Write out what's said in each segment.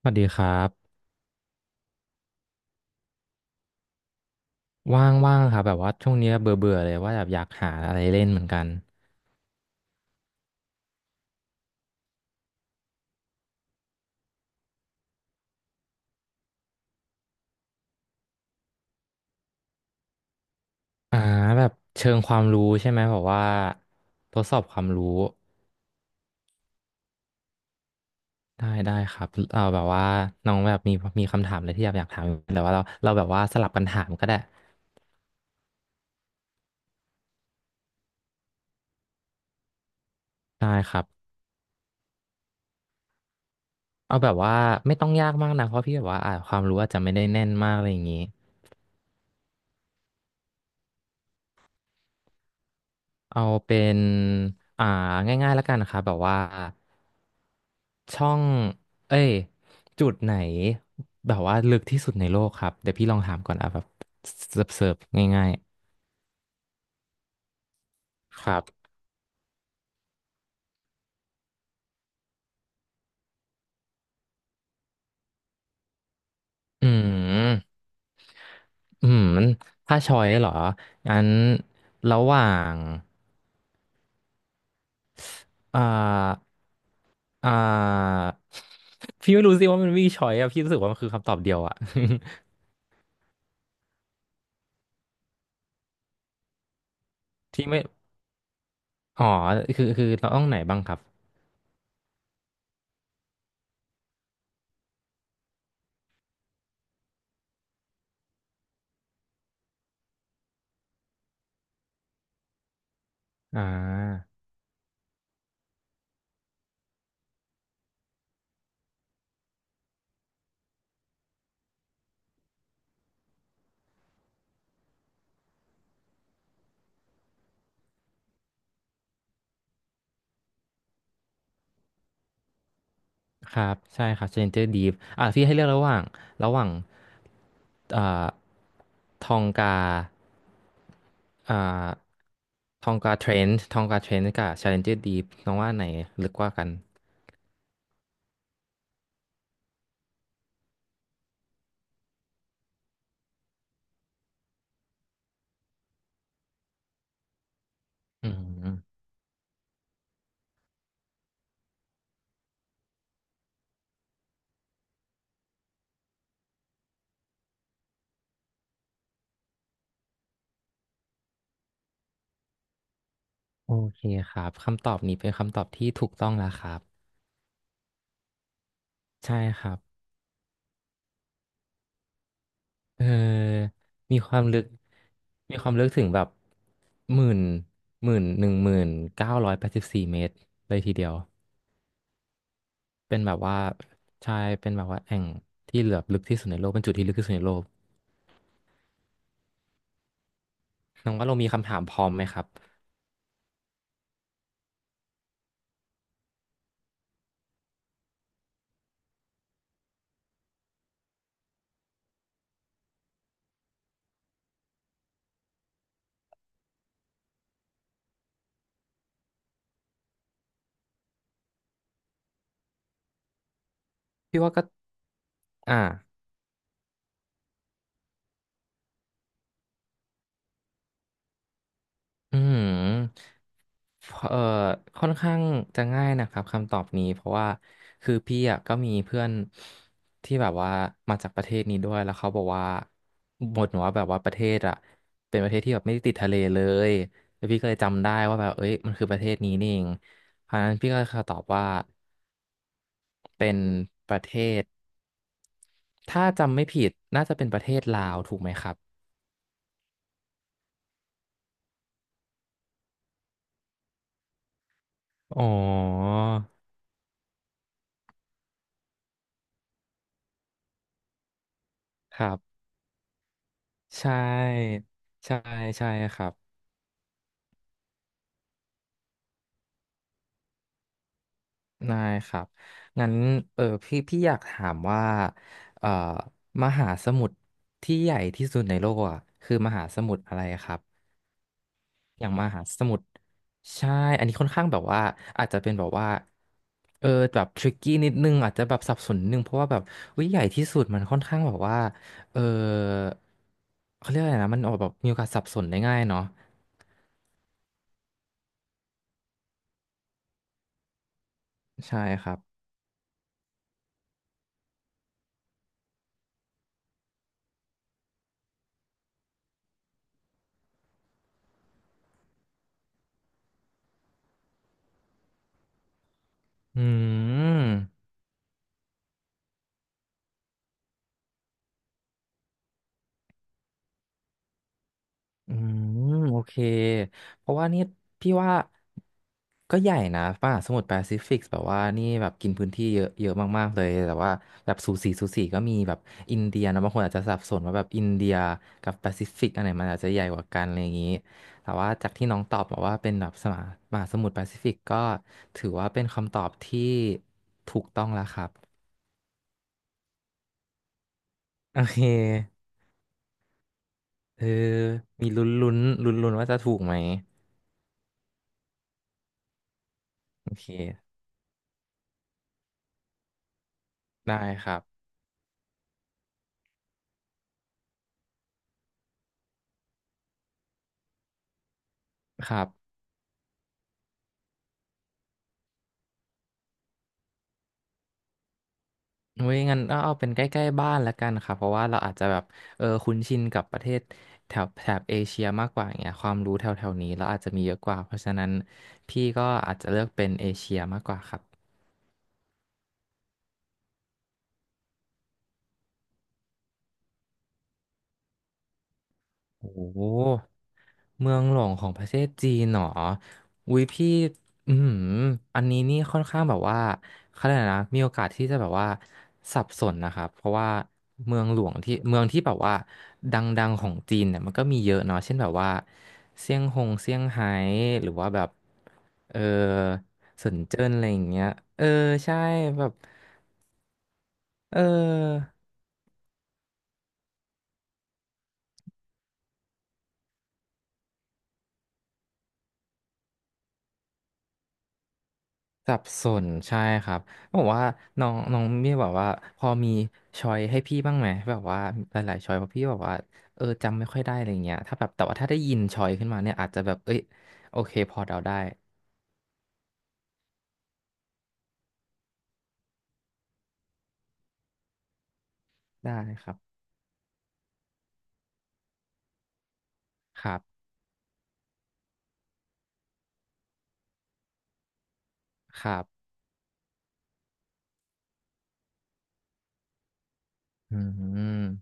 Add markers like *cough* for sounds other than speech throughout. สวัสดีครับว่างๆครับแบบว่าช่วงเนี้ยเบื่อเบื่อเลยว่าแบบอยากหาอะไรเล่นเหมือนกันอ่าแบบเชิงความรู้ใช่ไหมแบบว่าทดสอบความรู้ได้ได้ครับเออแบบว่าน้องแบบมีคำถามอะไรที่อยากถามอยู่แต่ว่าเราแบบว่าสลับกันถามก็ได้ได้ครับเอาแบบว่าไม่ต้องยากมากนะเพราะพี่แบบว่าความรู้อาจจะไม่ได้แน่นมากอะไรอย่างนี้ เอาเป็นอ่าง่ายๆแล้วกันนะครับแบบว่าช่องเอ้ยจุดไหนแบบว่าลึกที่สุดในโลกครับเดี๋ยวพี่ลองถามก่อนอ่ะแบบเสิร์ฟเสิร์ฟง่ายๆครับอืมอืมถ้าชอยเหรองั้นระหว่างอ่าอ่าพี่ไม่รู้สิว่ามันมีชอยอะพี่รู้สึกว่ามันคือคำตอบเดียวอะ *laughs* ที่ไม่อ๋อคือเราต้องไหนบ้างครับอ่า ครับใช่ครับ Stranger Deep อ่ะพี่ให้เลือกระหว่างอ่าทองกาอ่าทองกาเทรนด์ทองกาเทรนด์กับ Stranger Deep น้องว่าอันไหนลึกกว่ากันอืมโอเคครับคำตอบนี้เป็นคำตอบที่ถูกต้องแล้วครับใช่ครับเออมีความลึกมีความลึกถึงแบบหมื่น10,984เมตรเลยทีเดียว เป็นแบบว่าใช่เป็นแบบว่าแอ่งที่เหลือบลึกที่สุดในโลกเป็นจุดที่ลึกที่สุดในโลกน้องว่าเรามีคำถามพร้อมไหมครับพี่ว่าก็อ่าอืมเอ่อค่อนข้างจะง่ายนะครับคำตอบนี้เพราะว่าคือพี่อ่ะก็มีเพื่อนที่แบบว่ามาจากประเทศนี้ด้วยแล้วเขาบอกว่าบ่นว่าแบบว่าประเทศอ่ะเป็นประเทศที่แบบไม่ได้ติดทะเลเลยแล้วพี่ก็เลยจำได้ว่าแบบเอ้ยมันคือประเทศนี้นี่เองเพราะฉะนั้นพี่ก็ขอตอบว่าเป็นประเทศ ถ้าจำไม่ผิดน่าจะเป็นประเทศลาวถูกไหมครับอ๋อครับใช่ใช่ใช่ครับได้ครับงั้นเออพี่อยากถามว่าเอ่อมหาสมุทรที่ใหญ่ที่สุดในโลกอ่ะคือมหาสมุทรอะไรครับ อย่างมหาสมุทรใช่อันนี้ค่อนข้างแบบว่าอาจจะเป็นแบบว่าเออแบบทริกกี้นิดนึงอาจจะแบบสับสนนิดนึงเพราะว่าแบบวิใหญ่ที่สุดมันค่อนข้างแบบว่าเออเขาเรียกอะไรนะมันออกแบบมีโอกาสสับสนได้ง่ายเนาะใช่ครับอืม อืมโอเคเพราะว่านี่พี่ว่าก็ใหญ่นะป่ะสมุทรแปซิฟิกแบบว่านี่แบบกินพื้นที่เยอะเยอะมากๆเลยแต่ว่าแบบสูสีสูสีก็มีแบบอินเดียนะบางคนอาจจะสับสนว่าแบบอินเดียกับแปซิฟิกอันไหนมันอาจจะใหญ่กว่ากันอะไรอย่างนี้แต่ว่าจากที่น้องตอบบอกว่าเป็นแบบสมามหาสมุทรแปซิฟิกก็ถือว่าเป็นคำตอบที่ถูกต้องแล้วครับโอเคเออมีลุ้นลุ้นลุ้นลุ้นๆว่าจะถูกไหมโอเคได้ครับครับ เว้ยงั้นก็เอาเป็นใกล้ๆบ้านละกันค่ะเพราะว่าเราอาจจะแบบเออคุ้นชินกับประเทศแถบแถบเอเชียมากกว่าอย่างเงี้ยความรู้แถวๆนี้เราอาจจะมีเยอะกว่าเพราะฉะนั้นพี่ก็อาจจะเลือกเป็นเอเชียมากกว่าครับโอ้โห เมืองหลวงของประเทศจีนเหรออุ้ยพี่อืมอหืออันนี้นี่ค่อนข้างแบบว่าเขาเรียกอะไรนะมีโอกาสที่จะแบบว่าสับสนนะครับเพราะว่าเมืองหลวงที่เมืองที่แบบว่าดังๆของจีนเนี่ยมันก็มีเยอะเนาะเช่นแบบว่าเซี่ยงไฮ้หรือว่าแบบเออเซินเจิ้นอะไรอย่างเงี้ยเออใช่แบบเออ สับสนใช่ครับบอกว่าน้องน้องเมียบอกว่าพอมีช้อยให้พี่บ้างไหมแบบว่าหลายๆช้อยเพราะพี่บอกว่าเออจำไม่ค่อยได้อะไรเงี้ยถ้าแบบแต่ว่าถ้าได้ยินช้อยขึ้นมาเนี่ยอาจจะแบบเอ้ยโอเคพอเดาได้ได้ครับครับครับอืม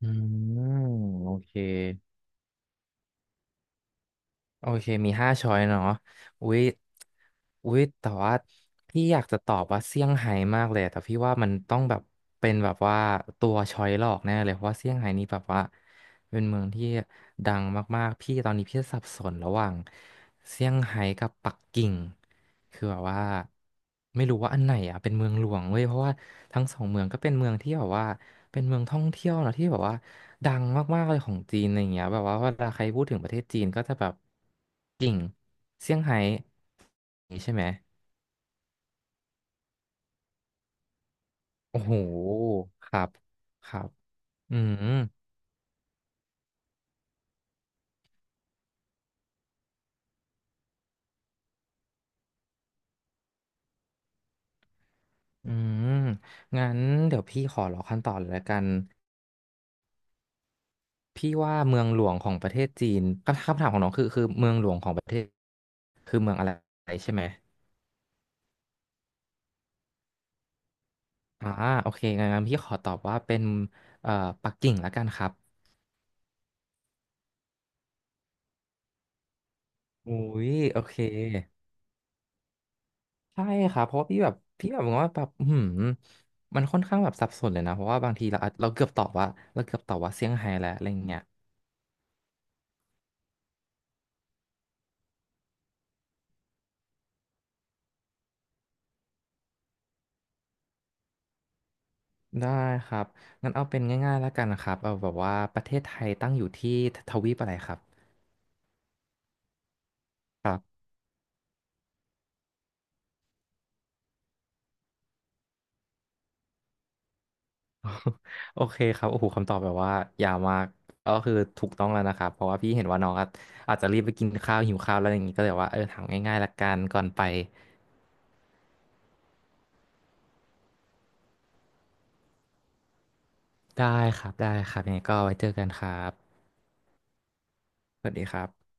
อืมโอเค โอเค มีห้าช้อยเนาะอุ๊ย อุ๊ย แต่ว่าพี่อยากจะตอบว่าเซี่ยงไฮ้มากเลย แต่พี่ว่ามันต้องแบบเป็นแบบว่าตัวช้อยหลอกแน่เลยเพราะว่าเซี่ยงไฮ้นี่แบบว่า เป็นเมืองที่ดังมากๆ พี่ตอนนี้พี่สับสนระหว่างเซี่ยงไฮ้กับปักกิ่ง คือแบบว่าไม่รู้ว่าอันไหนอ่ะเป็นเมืองหลวงเว้ย เพราะว่าทั้งสองเมืองก็เป็นเมืองที่แบบว่าเป็นเมืองท่องเที่ยวนะที่แบบว่าดังมากๆเลยของจีนอะไรอย่างเงี้ยแบบว่าเวลาใครพูดถึงประเทศจีนก็จะแบบกิ่งเซี่ยงไฮ้นี่างงี้ใช่ไหมโอ้โหครับครับอืมอืมงั้นเดี๋ยวพี่ขอรอขั้นตอนเลยละกัน พี่ว่าเมืองหลวงของประเทศจีนคำถามของน้องคือเมืองหลวงของประเทศคือเมืองอะไรใช่ไหมอ่าโอเคงั้นพี่ขอตอบว่าเป็นเอ่อปักกิ่งละกันครับอุ้ยโอเคใช่ครับเพราะว่าพี่แบบว่าแบบอื้อหืมมันค่อนข้างแบบสับสนเลยนะเพราะว่าบางทีเราเกือบตอบว่าเซี่ยงไฮ้แล้วอะไรอย่างเงี้ยได้ครับงั้นเอาเป็นง่ายๆแล้วกันนะครับเอาแบบว่าประเทศไทยตั้งอยู่ที่ทวีปอะไรครับ *laughs* โอเคครับโอ้โหคำตอบแบบว่ายาวมากก็คือถูกต้องแล้วนะครับเพราะว่าพี่เห็นว่าน้องอาจจะรีบไปกินข้าวหิวข้าวแล้วอย่างนี้ก็เลยว่าเออถามง่ายๆละกันก่อนไปได้ครับได้ครับยังไงก็ไว้เจอกันครับสวัสดีครับ